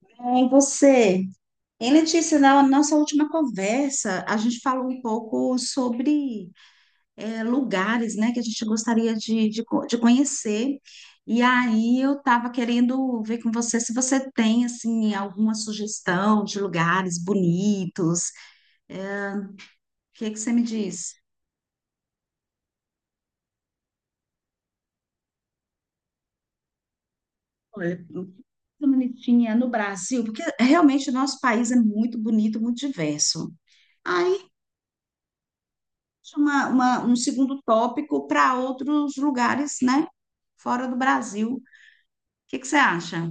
Bem, você. Em Letícia, na nossa última conversa, a gente falou um pouco sobre lugares, né, que a gente gostaria de conhecer. E aí eu estava querendo ver com você se você tem, assim, alguma sugestão de lugares bonitos. Eh, O que que você me diz? Olha, bonitinha no Brasil, porque realmente o nosso país é muito bonito, muito diverso. Um segundo tópico para outros lugares, né? Fora do Brasil. O que que você acha?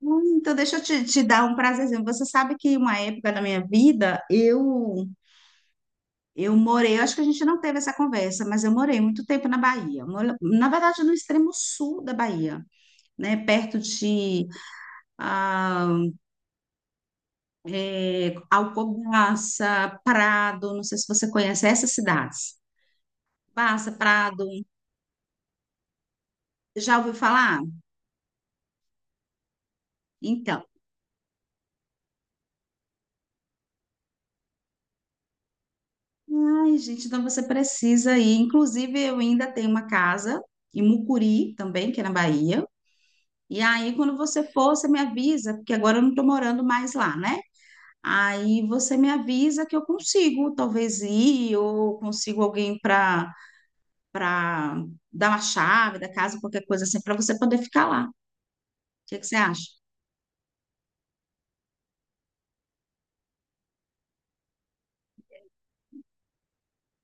Hum. Então, deixa eu te dar um prazerzinho. Você sabe que uma época da minha vida, eu morei, eu acho que a gente não teve essa conversa, mas eu morei muito tempo na Bahia. Na verdade, no extremo sul da Bahia, né? Perto de ah, é, Alcobaça, Prado, não sei se você conhece essas cidades. Alcobaça, Prado, já ouviu falar? Então, ai, gente, então você precisa ir. Inclusive, eu ainda tenho uma casa em Mucuri também, que é na Bahia. E aí, quando você for, você me avisa, porque agora eu não estou morando mais lá, né? Aí você me avisa que eu consigo, talvez ir, ou consigo alguém para para dar uma chave da casa, qualquer coisa assim, para você poder ficar lá. O que que você acha?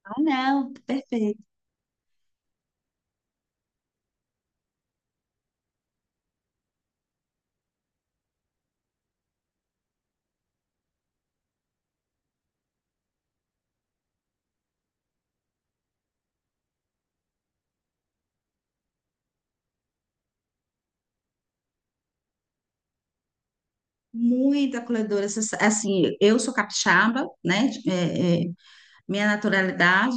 Ah, não, perfeito. Muito acolhedora. Assim, eu sou capixaba, né? Minha naturalidade,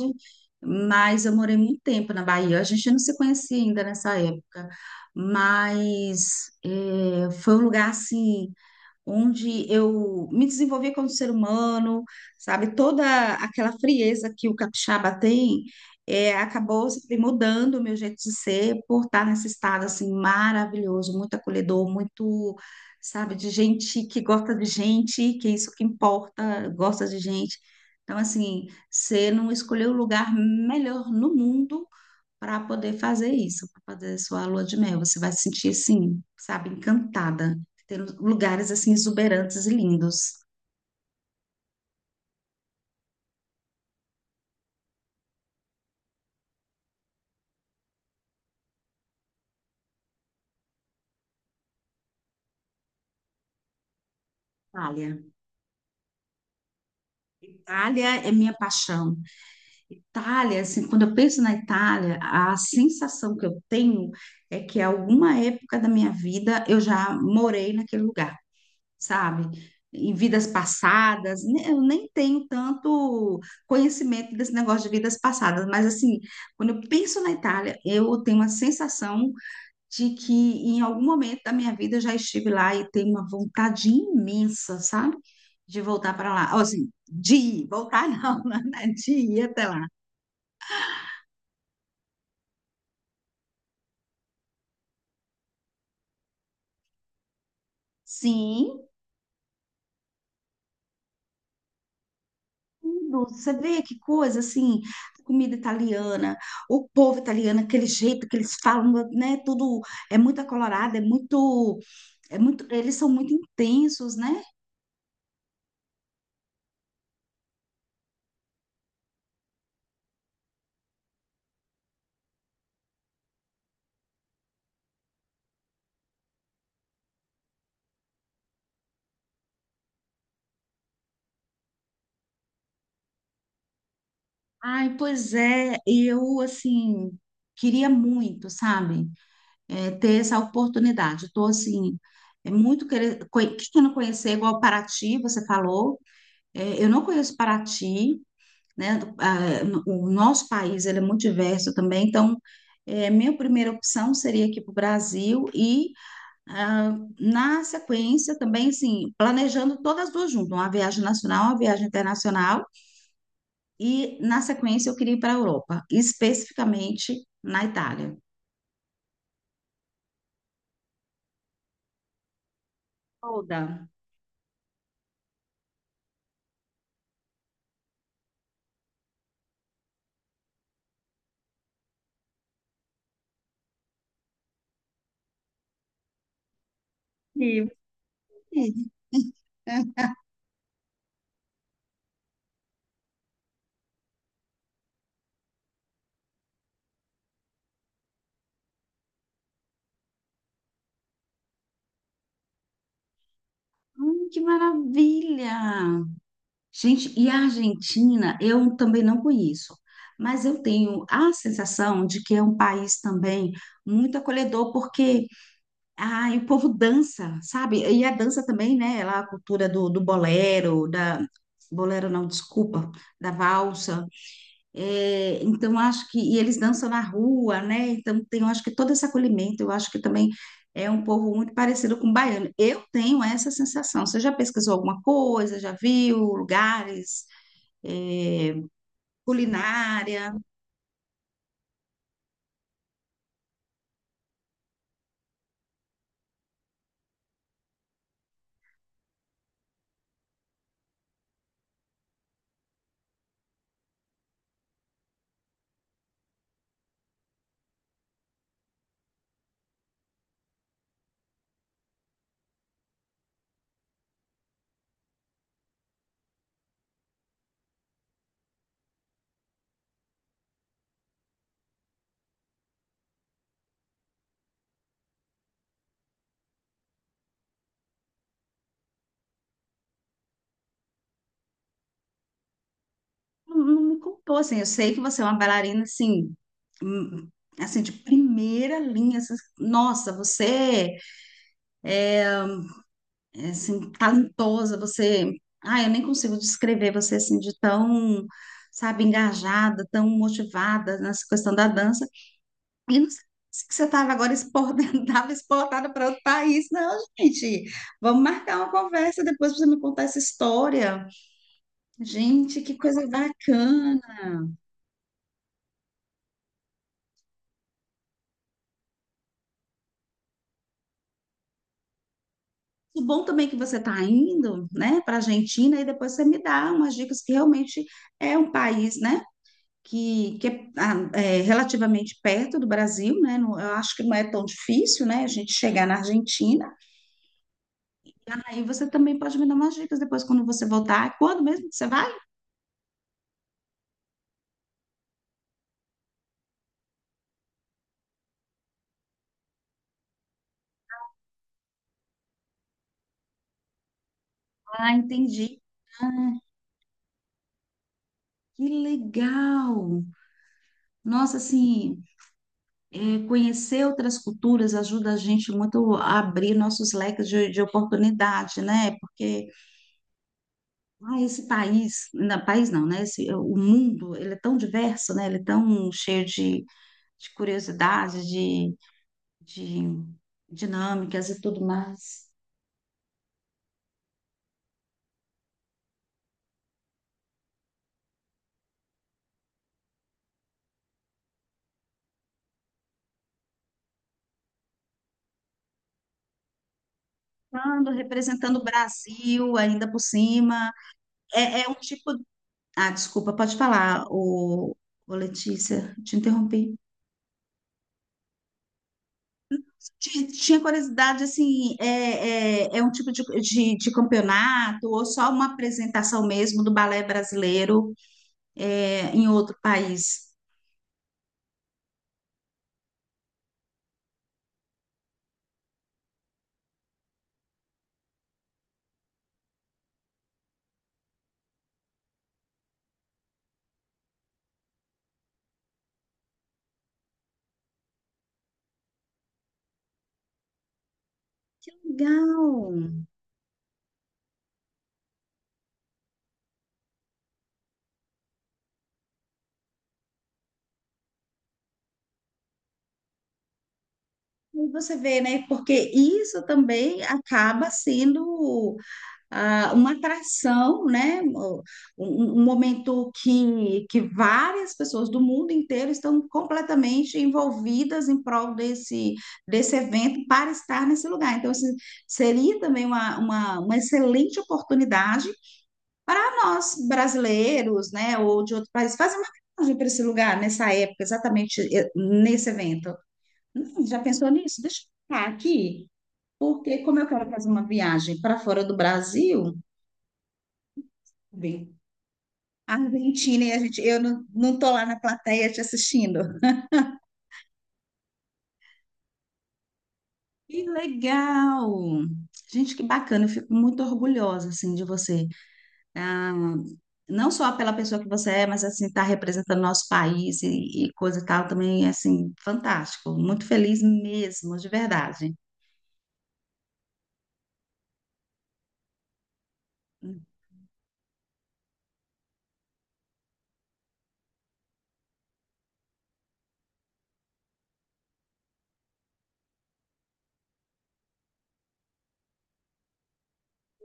mas eu morei muito tempo na Bahia. A gente não se conhecia ainda nessa época, mas foi um lugar assim onde eu me desenvolvi como ser humano, sabe? Toda aquela frieza que o capixaba tem, é, acabou se mudando o meu jeito de ser por estar nesse estado assim maravilhoso, muito acolhedor, muito, sabe, de gente que gosta de gente, que é isso que importa, gosta de gente. Então, assim, você não escolheu o lugar melhor no mundo para poder fazer isso, para fazer sua lua de mel. Você vai se sentir assim, sabe, encantada. Ter lugares assim exuberantes e lindos. Itália. Itália é minha paixão. Itália, assim, quando eu penso na Itália, a sensação que eu tenho é que alguma época da minha vida eu já morei naquele lugar. Sabe? Em vidas passadas, eu nem tenho tanto conhecimento desse negócio de vidas passadas, mas assim, quando eu penso na Itália, eu tenho uma sensação de que em algum momento da minha vida eu já estive lá e tenho uma vontade imensa, sabe? De voltar para lá. Ou, assim, de ir, voltar não, né? De ir até lá. Sim, tudo. Você vê que coisa assim, a comida italiana, o povo italiano, aquele jeito que eles falam, né? Tudo é muito acolorado, é muito, eles são muito intensos, né? Ai, pois é, eu assim queria muito, sabe, é, ter essa oportunidade. Estou assim, é muito querer, querendo conhecer, igual Paraty, você falou. É, eu não conheço Paraty. Né? O nosso país ele é muito diverso também, então é, minha primeira opção seria aqui para o Brasil e ah, na sequência também assim planejando todas as duas juntas, uma viagem nacional, uma viagem internacional e na sequência eu queria ir para a Europa, especificamente na Itália. Toda. E hum, que maravilha! Gente, e a Argentina, eu também não conheço, mas eu tenho a sensação de que é um país também muito acolhedor, porque ai, o povo dança, sabe? E a dança também, né? Lá a cultura do bolero, da. Bolero não, desculpa, da valsa. É, então, acho que. E eles dançam na rua, né? Então, tem, eu acho que todo esse acolhimento, eu acho que também é um povo muito parecido com o baiano. Eu tenho essa sensação. Você já pesquisou alguma coisa? Já viu lugares? É, culinária. Não, não me culpou, assim. Eu sei que você é uma bailarina, assim, hum, assim, de primeira linha. Assim, nossa, você é, assim, talentosa, você... Ah, eu nem consigo descrever você, assim, de tão, sabe, engajada, tão motivada nessa questão da dança. E não sei se que você estava agora exportada, estava exportada para outro país. Não, gente, vamos marcar uma conversa depois para você me contar essa história. Gente, que coisa bacana. O bom também é que você está indo, né, para a Argentina e depois você me dá umas dicas que realmente é um país, né, que é, ah, é relativamente perto do Brasil, né, eu acho que não é tão difícil, né, a gente chegar na Argentina. Aí você também pode me dar umas dicas depois quando você voltar. Quando mesmo que você vai? Ah, entendi. Que legal! Nossa, assim, é, conhecer outras culturas ajuda a gente muito a abrir nossos leques de oportunidade, né? Porque ah, esse país não, né? Esse, é, o mundo, ele é tão diverso, né? Ele é tão cheio de curiosidades, de dinâmicas e tudo mais. Ando representando o Brasil ainda por cima. É, é um tipo... Ah, desculpa, pode falar, o Letícia, te interrompi. Tinha curiosidade, assim, é um tipo de campeonato ou só uma apresentação mesmo do balé brasileiro é, em outro país? Que legal! E você vê, né? Porque isso também acaba sendo ah, uma atração, né? Um, um momento que várias pessoas do mundo inteiro estão completamente envolvidas em prol desse, desse evento para estar nesse lugar. Então, assim, seria também uma, uma excelente oportunidade para nós brasileiros, né? Ou de outro país, fazer uma viagem para esse lugar nessa época, exatamente nesse evento. Não, já pensou nisso? Deixa eu ficar aqui, porque como eu quero fazer uma viagem para fora do Brasil, bem, a Argentina e a gente, eu não, não tô lá na plateia te assistindo. Que legal! Gente, que bacana, eu fico muito orgulhosa, assim, de você. Ah, não só pela pessoa que você é, mas, assim, tá representando nosso país e coisa e tal, também, assim, fantástico. Muito feliz mesmo, de verdade.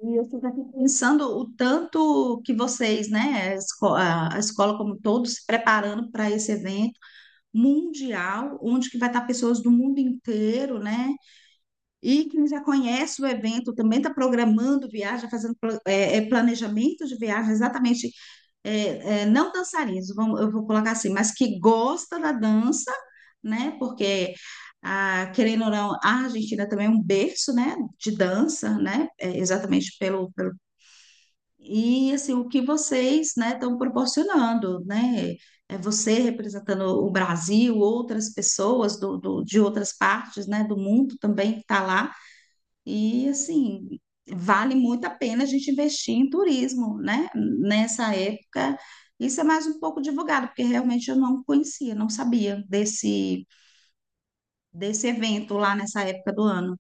E eu fico aqui pensando o tanto que vocês, né, a escola como todos, se preparando para esse evento mundial, onde que vai estar pessoas do mundo inteiro, né? E quem já conhece o evento também está programando viagem, fazendo planejamento de viagem, exatamente não dançarinos, eu vou colocar assim, mas que gosta da dança, né? Porque, ah, querendo ou não, a Argentina também é um berço, né, de dança, né? É, exatamente pelo, pelo... E, assim, o que vocês, né, estão proporcionando, né? É você representando o Brasil, outras pessoas de outras partes, né, do mundo também que está lá, e assim, vale muito a pena a gente investir em turismo, né? Nessa época, isso é mais um pouco divulgado, porque realmente eu não conhecia, não sabia desse, desse evento lá nessa época do ano.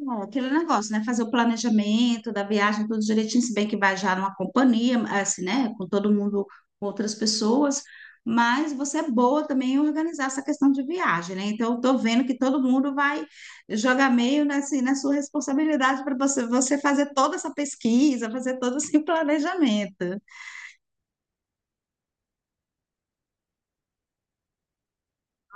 É, aquele negócio, né? Fazer o planejamento da viagem, tudo direitinho, se bem que vai já numa companhia, assim, né? Com todo mundo, com outras pessoas, mas você é boa também em organizar essa questão de viagem, né? Então, eu tô vendo que todo mundo vai jogar meio nessa, na sua responsabilidade para você, você fazer toda essa pesquisa, fazer todo esse planejamento.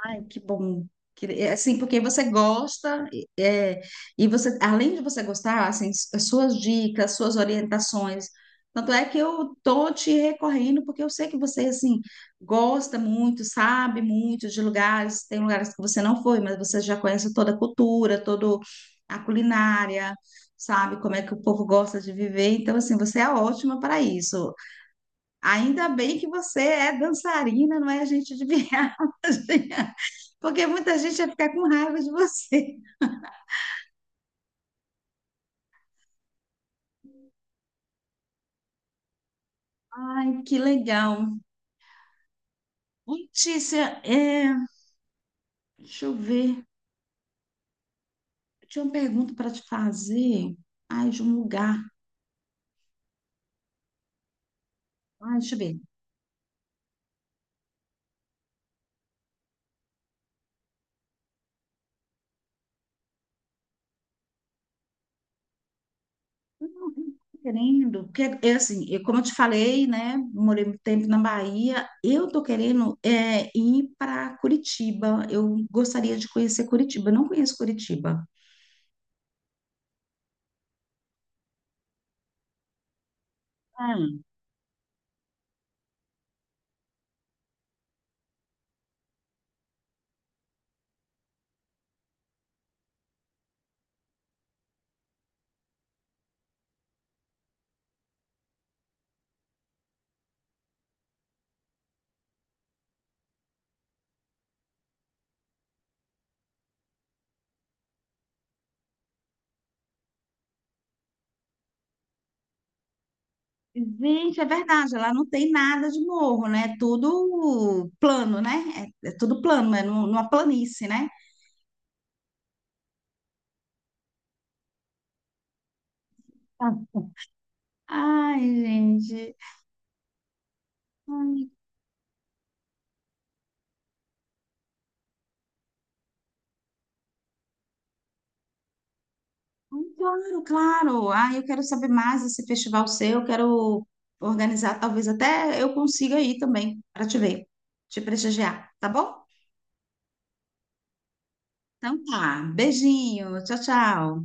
Ai, que bom. Assim, porque você gosta, e você, além de você gostar, assim, as suas dicas, suas orientações. Tanto é que eu tô te recorrendo, porque eu sei que você, assim, gosta muito, sabe muito de lugares. Tem lugares que você não foi, mas você já conhece toda a cultura, toda a culinária, sabe como é que o povo gosta de viver. Então, assim, você é ótima para isso. Ainda bem que você é dançarina, não é agente de viagem. Porque muita gente ia ficar com raiva de você. Ai, que legal. Ô, Letícia, deixa eu ver. Eu tinha uma pergunta para te fazer. Ai, de um lugar. Ai, deixa eu ver. Eu não tô querendo, porque é assim, eu, como eu te falei, né? Morei muito tempo na Bahia. Eu tô querendo é, ir para Curitiba. Eu gostaria de conhecer Curitiba. Eu não conheço Curitiba. Gente, é verdade, lá não tem nada de morro, né? É tudo plano, né? É, é tudo plano, é numa planície, né? Ah, ai, gente. Ai, claro, claro. Ah, eu quero saber mais desse festival seu, eu quero organizar, talvez até eu consiga ir também para te ver, te prestigiar, tá bom? Então tá, beijinho, tchau, tchau.